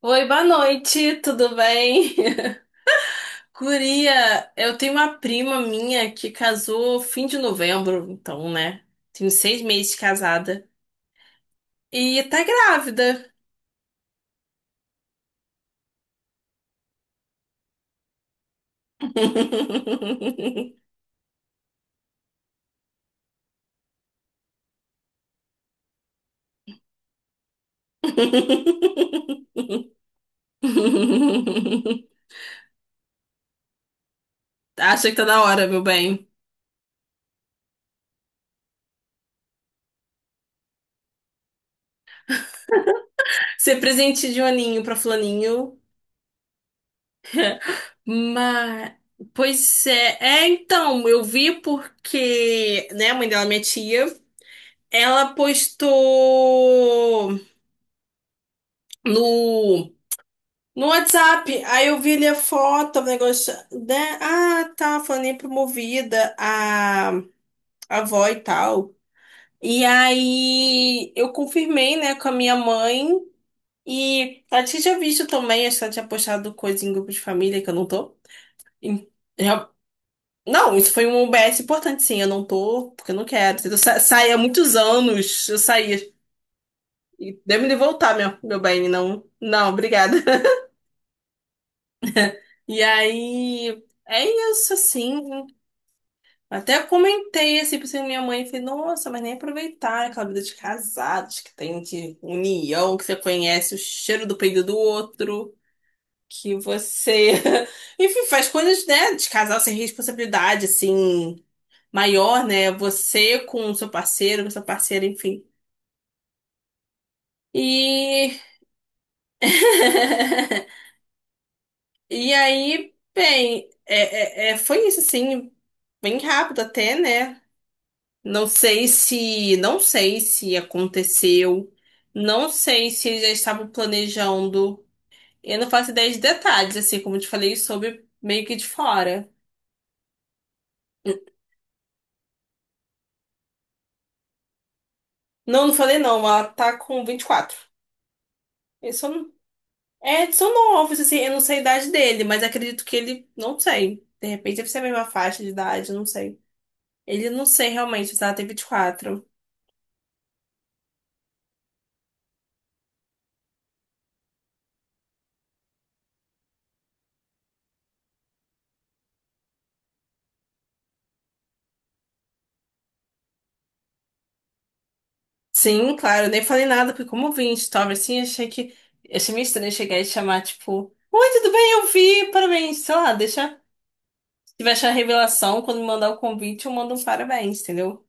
Oi, boa noite, tudo bem? Guria, eu tenho uma prima minha que casou fim de novembro, então, né? Tenho seis meses de casada. E tá grávida. Acha que tá na hora, meu bem. Ser presente de Juninho pra Flaninho. Mas. Pois é. Eu vi porque, né, a mãe dela, minha tia, ela postou. no, no WhatsApp. Aí eu vi ali a foto, o negócio, né? Ah, tá, falando promovida, a avó e tal. E aí eu confirmei, né, com a minha mãe. E ela tinha visto também, acho que ela tinha postado coisa em grupo de família que eu não tô. E já- não, isso foi um OBS importante, sim. Eu não tô, porque eu não quero. Eu sa saí há muitos anos, eu saí. E deve me voltar, meu bem, não. Não, obrigada. E aí, é isso, assim. Até comentei, assim, pra minha mãe, falei, nossa, mas nem aproveitar aquela vida de casados que tem de união, que você conhece o cheiro do peido do outro, que você, enfim, faz coisas, né, de casal sem responsabilidade, assim, maior, né, você com o seu parceiro, com a sua parceira, enfim. E... E aí, bem, foi isso, assim, bem rápido até, né? Não sei se aconteceu, não sei se eles já estavam planejando. Eu não faço ideia de detalhes, assim, como eu te falei, sobre meio que de fora. Não, não falei não, ela tá com 24. Eles são, são novos, assim, eu não sei a idade dele, mas acredito que ele, não sei. De repente deve ser a mesma faixa de idade, não sei. Ele não sei realmente se ela tem vinte e quatro. Sim, claro, eu nem falei nada, porque como eu vi em story assim, achei que. Achei meio estranho chegar e chamar, tipo, oi, tudo bem? Eu vi, parabéns. Sei lá, deixa. Se tiver achar a revelação, quando me mandar o convite, eu mando um parabéns, entendeu?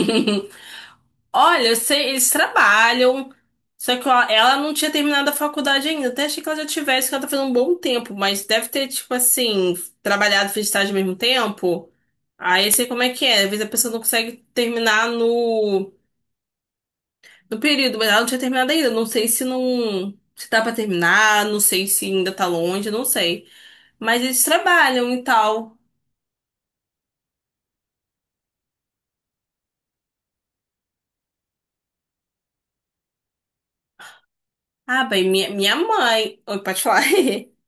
Olha, eu sei, eles trabalham. Só que ó, ela não tinha terminado a faculdade ainda. Até achei que ela já tivesse, que ela tá fazendo um bom tempo, mas deve ter, tipo assim, trabalhado e fez estágio ao mesmo tempo. Aí eu sei como é que é. Às vezes a pessoa não consegue terminar no do período, mas ela não tinha terminado ainda. Não sei se tá pra terminar, não sei se ainda tá longe, não sei. Mas eles trabalham e tal. Ah, bem, minha mãe. Oi, pode falar.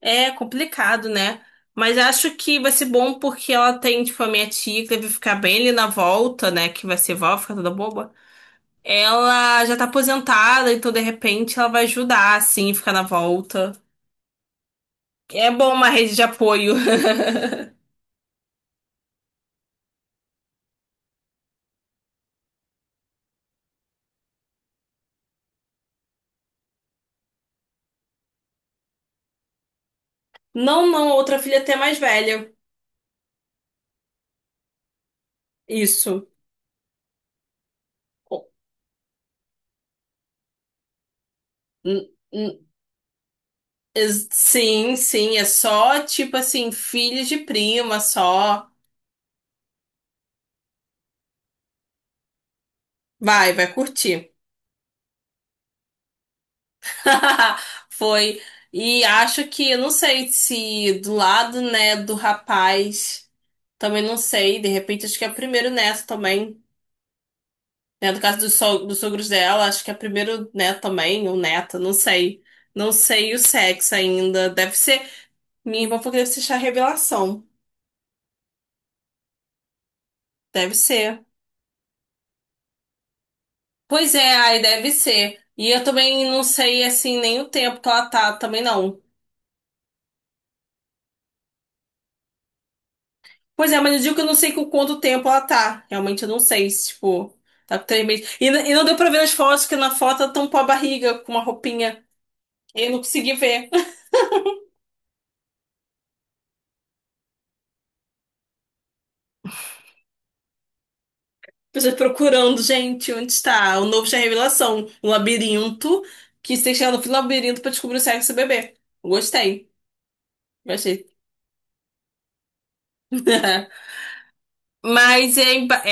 É complicado, né? Mas acho que vai ser bom porque ela tem, tipo, a minha tia que deve ficar bem ali na volta, né? Que vai ser vó, fica toda boba. Ela já tá aposentada, então de repente ela vai ajudar, assim, ficar na volta. É bom uma rede de apoio. Não, não, outra filha até mais velha. Isso. N- n- Sim, sim, é só tipo assim, filhos de prima, só. Vai, vai curtir. Foi. E acho que, eu não sei se do lado, né, do rapaz, também não sei, de repente acho que é o primeiro neto também, né, do caso dos sogros dela, acho que é o primeiro neto também, ou neta, não sei. Não sei o sexo ainda, deve ser, minha irmã falou que deve ser a revelação, deve ser. Pois é, aí deve ser. E eu também não sei, assim, nem o tempo que ela tá, também não. Pois é, mas eu digo que eu não sei com quanto tempo ela tá. Realmente eu não sei, se, tipo, tá com 3 meses. E, e não deu pra ver as fotos, que na foto ela tampou a barriga com uma roupinha. Eu não consegui ver. Pessoas procurando, gente, onde está? O novo Chá Revelação, um labirinto, que você tem que chegar no fim do labirinto pra descobrir o sexo do bebê. Gostei, gostei. Mas é, emba- é-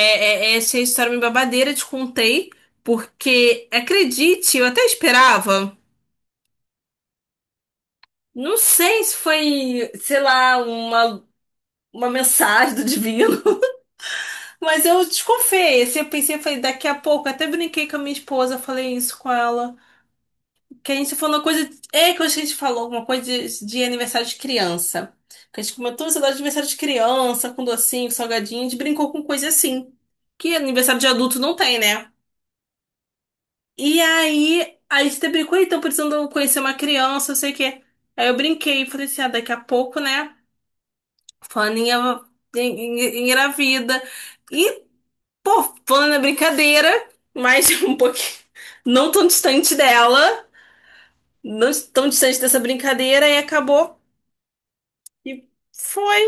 é- é, essa história é uma babadeira, te contei, porque, acredite, eu até esperava. Não sei se foi, sei lá, uma mensagem do divino, mas eu desconfiei. Assim, eu pensei, falei, daqui a pouco, até brinquei com a minha esposa, falei isso com ela. Que a gente falou uma coisa, é que a gente falou alguma coisa de aniversário de criança. Que a gente comentou esse negócio de aniversário de criança, com docinho, com salgadinho, a gente brincou com coisa assim. Que aniversário de adulto não tem, né? E aí a gente até brincou, então precisando conhecer uma criança, não sei o quê. Aí eu brinquei, falei assim, ah, daqui a pouco, né? Fulaninha engravida. E, pô, falando na brincadeira, mas um pouquinho não tão distante dela, não tão distante dessa brincadeira, e acabou. E foi.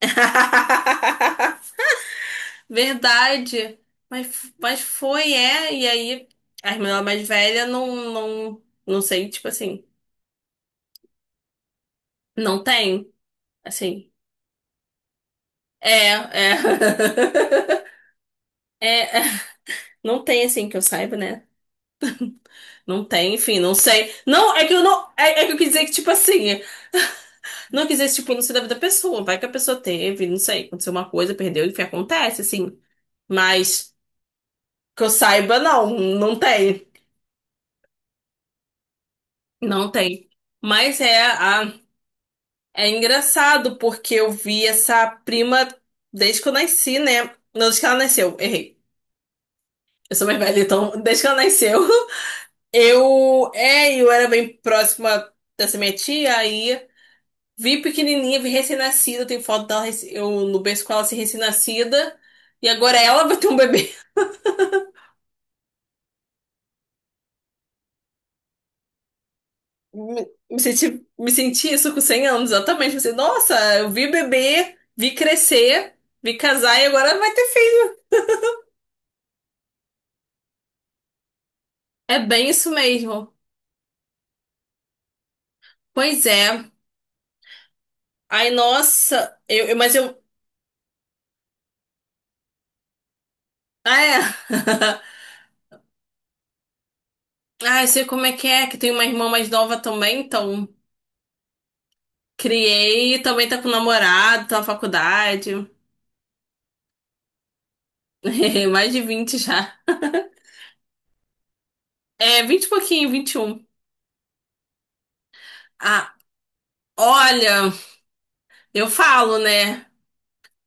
Verdade. Mas foi, é. E aí, a irmã dela mais velha não sei, tipo assim, não tem. Assim. É, é. É, é. Não tem assim que eu saiba, né? Não tem, enfim, não sei. Não, é que eu não. É que eu quis dizer que, tipo assim, não quis dizer, tipo, não sei da vida da pessoa. Vai que a pessoa teve, não sei, aconteceu uma coisa, perdeu, enfim, acontece, assim. Mas que eu saiba, não tem. Não tem. Mas é, a, é engraçado, porque eu vi essa prima desde que eu nasci, né? Não, desde que ela nasceu, errei. Eu sou mais velha, então, desde que ela nasceu. Eu era bem próxima dessa minha tia, aí vi pequenininha, vi recém-nascida, tem foto dela, eu no berço com ela assim, recém-nascida, e agora ela vai ter um bebê. Me senti isso com 100 anos, exatamente. Pensei, nossa, eu vi bebê, vi crescer, vi casar e agora vai ter filho. É bem isso mesmo. Pois é. Ai, nossa, mas eu. Ah, é. Ah, eu sei como é, que tem uma irmã mais nova também, então. Criei, também tá com namorado, tá na faculdade. Mais de 20 já. É, vinte e pouquinho, vinte e um. Ah, olha, eu falo, né?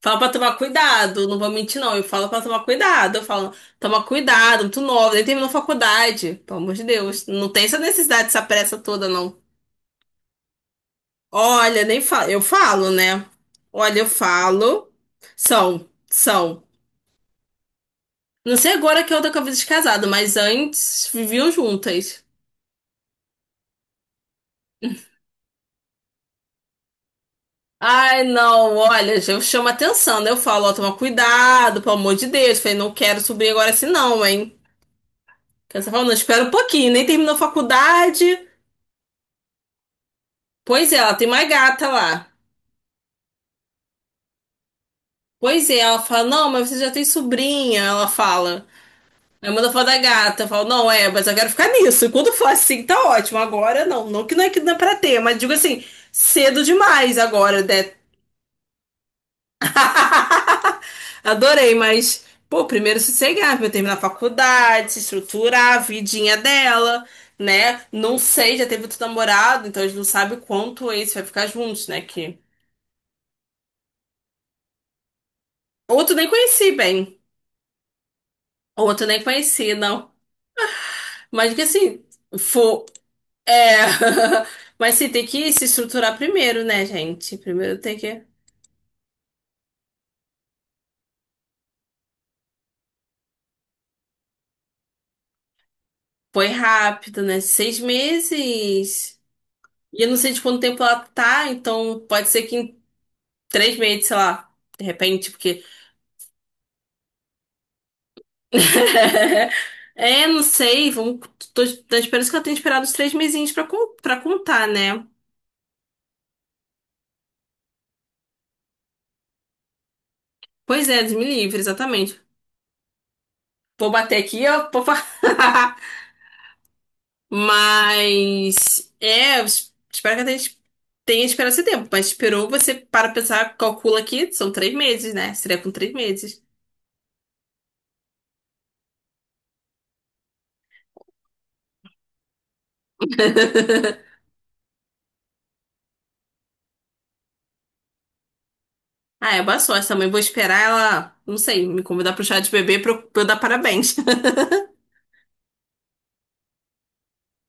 Falo pra tomar cuidado, não vou mentir, não. Eu falo pra tomar cuidado. Eu falo, toma cuidado, muito nova, nem terminou faculdade. Pelo amor de Deus. Não tem essa necessidade, essa pressa toda, não. Olha, nem falo. Eu falo, né? Olha, eu falo. São, são. Não sei agora que eu tô com a vida de casado, mas antes viviam juntas. Ai, não, olha, eu chamo atenção, né? Eu falo, ó, toma cuidado, pelo amor de Deus. Falei, não quero subir agora assim, não, hein? Aí você falou, não, espera um pouquinho, nem terminou a faculdade. Pois é, ela tem uma gata lá. Pois é, ela fala, não, mas você já tem sobrinha, ela fala. Aí manda foto da gata, eu falo, não, é, mas eu quero ficar nisso. E quando for assim, tá ótimo. Agora não, não que não é pra ter, mas digo assim, cedo demais agora, né? Adorei, mas, pô, primeiro sossegar, pra eu terminar a faculdade, se estruturar a vidinha dela, né? Não sei, já teve outro namorado, então a gente não sabe quanto esse vai ficar juntos, né? Que outro nem conheci bem, outro nem conheci, não. Mas que assim, for. É. Mas sim, tem que se estruturar primeiro, né, gente? Primeiro tem que. Foi rápido, né? 6 meses. E eu não sei de quanto tempo ela tá, então pode ser que em 3 meses, sei lá, de repente, porque. É, não sei, vamos. Tô, tô esperando que ela tenha esperado os 3 mesinhos pra, pra contar, né? Pois é, Deus me livre, exatamente. Vou bater aqui, ó. Vou... Mas. É, eu espero que ela tenha, tenha esperado esse tempo. Mas esperou, você para pensar, calcula aqui, são 3 meses, né? Seria com 3 meses. Ah, é boa sorte também. Vou esperar ela, não sei, me convidar pro chá de bebê pra eu dar parabéns.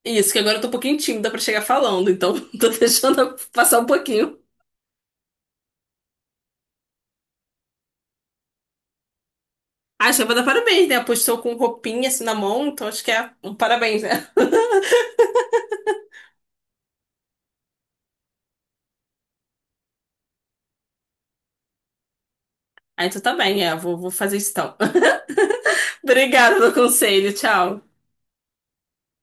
Isso, que agora eu tô um pouquinho tímida pra chegar falando, então tô deixando passar um pouquinho. Ah, acho que eu vou dar parabéns, né? Postou com roupinha assim na mão, então acho que é um parabéns, né? Ah, então tá bem, vou, vou fazer isso então. Obrigada pelo conselho, tchau.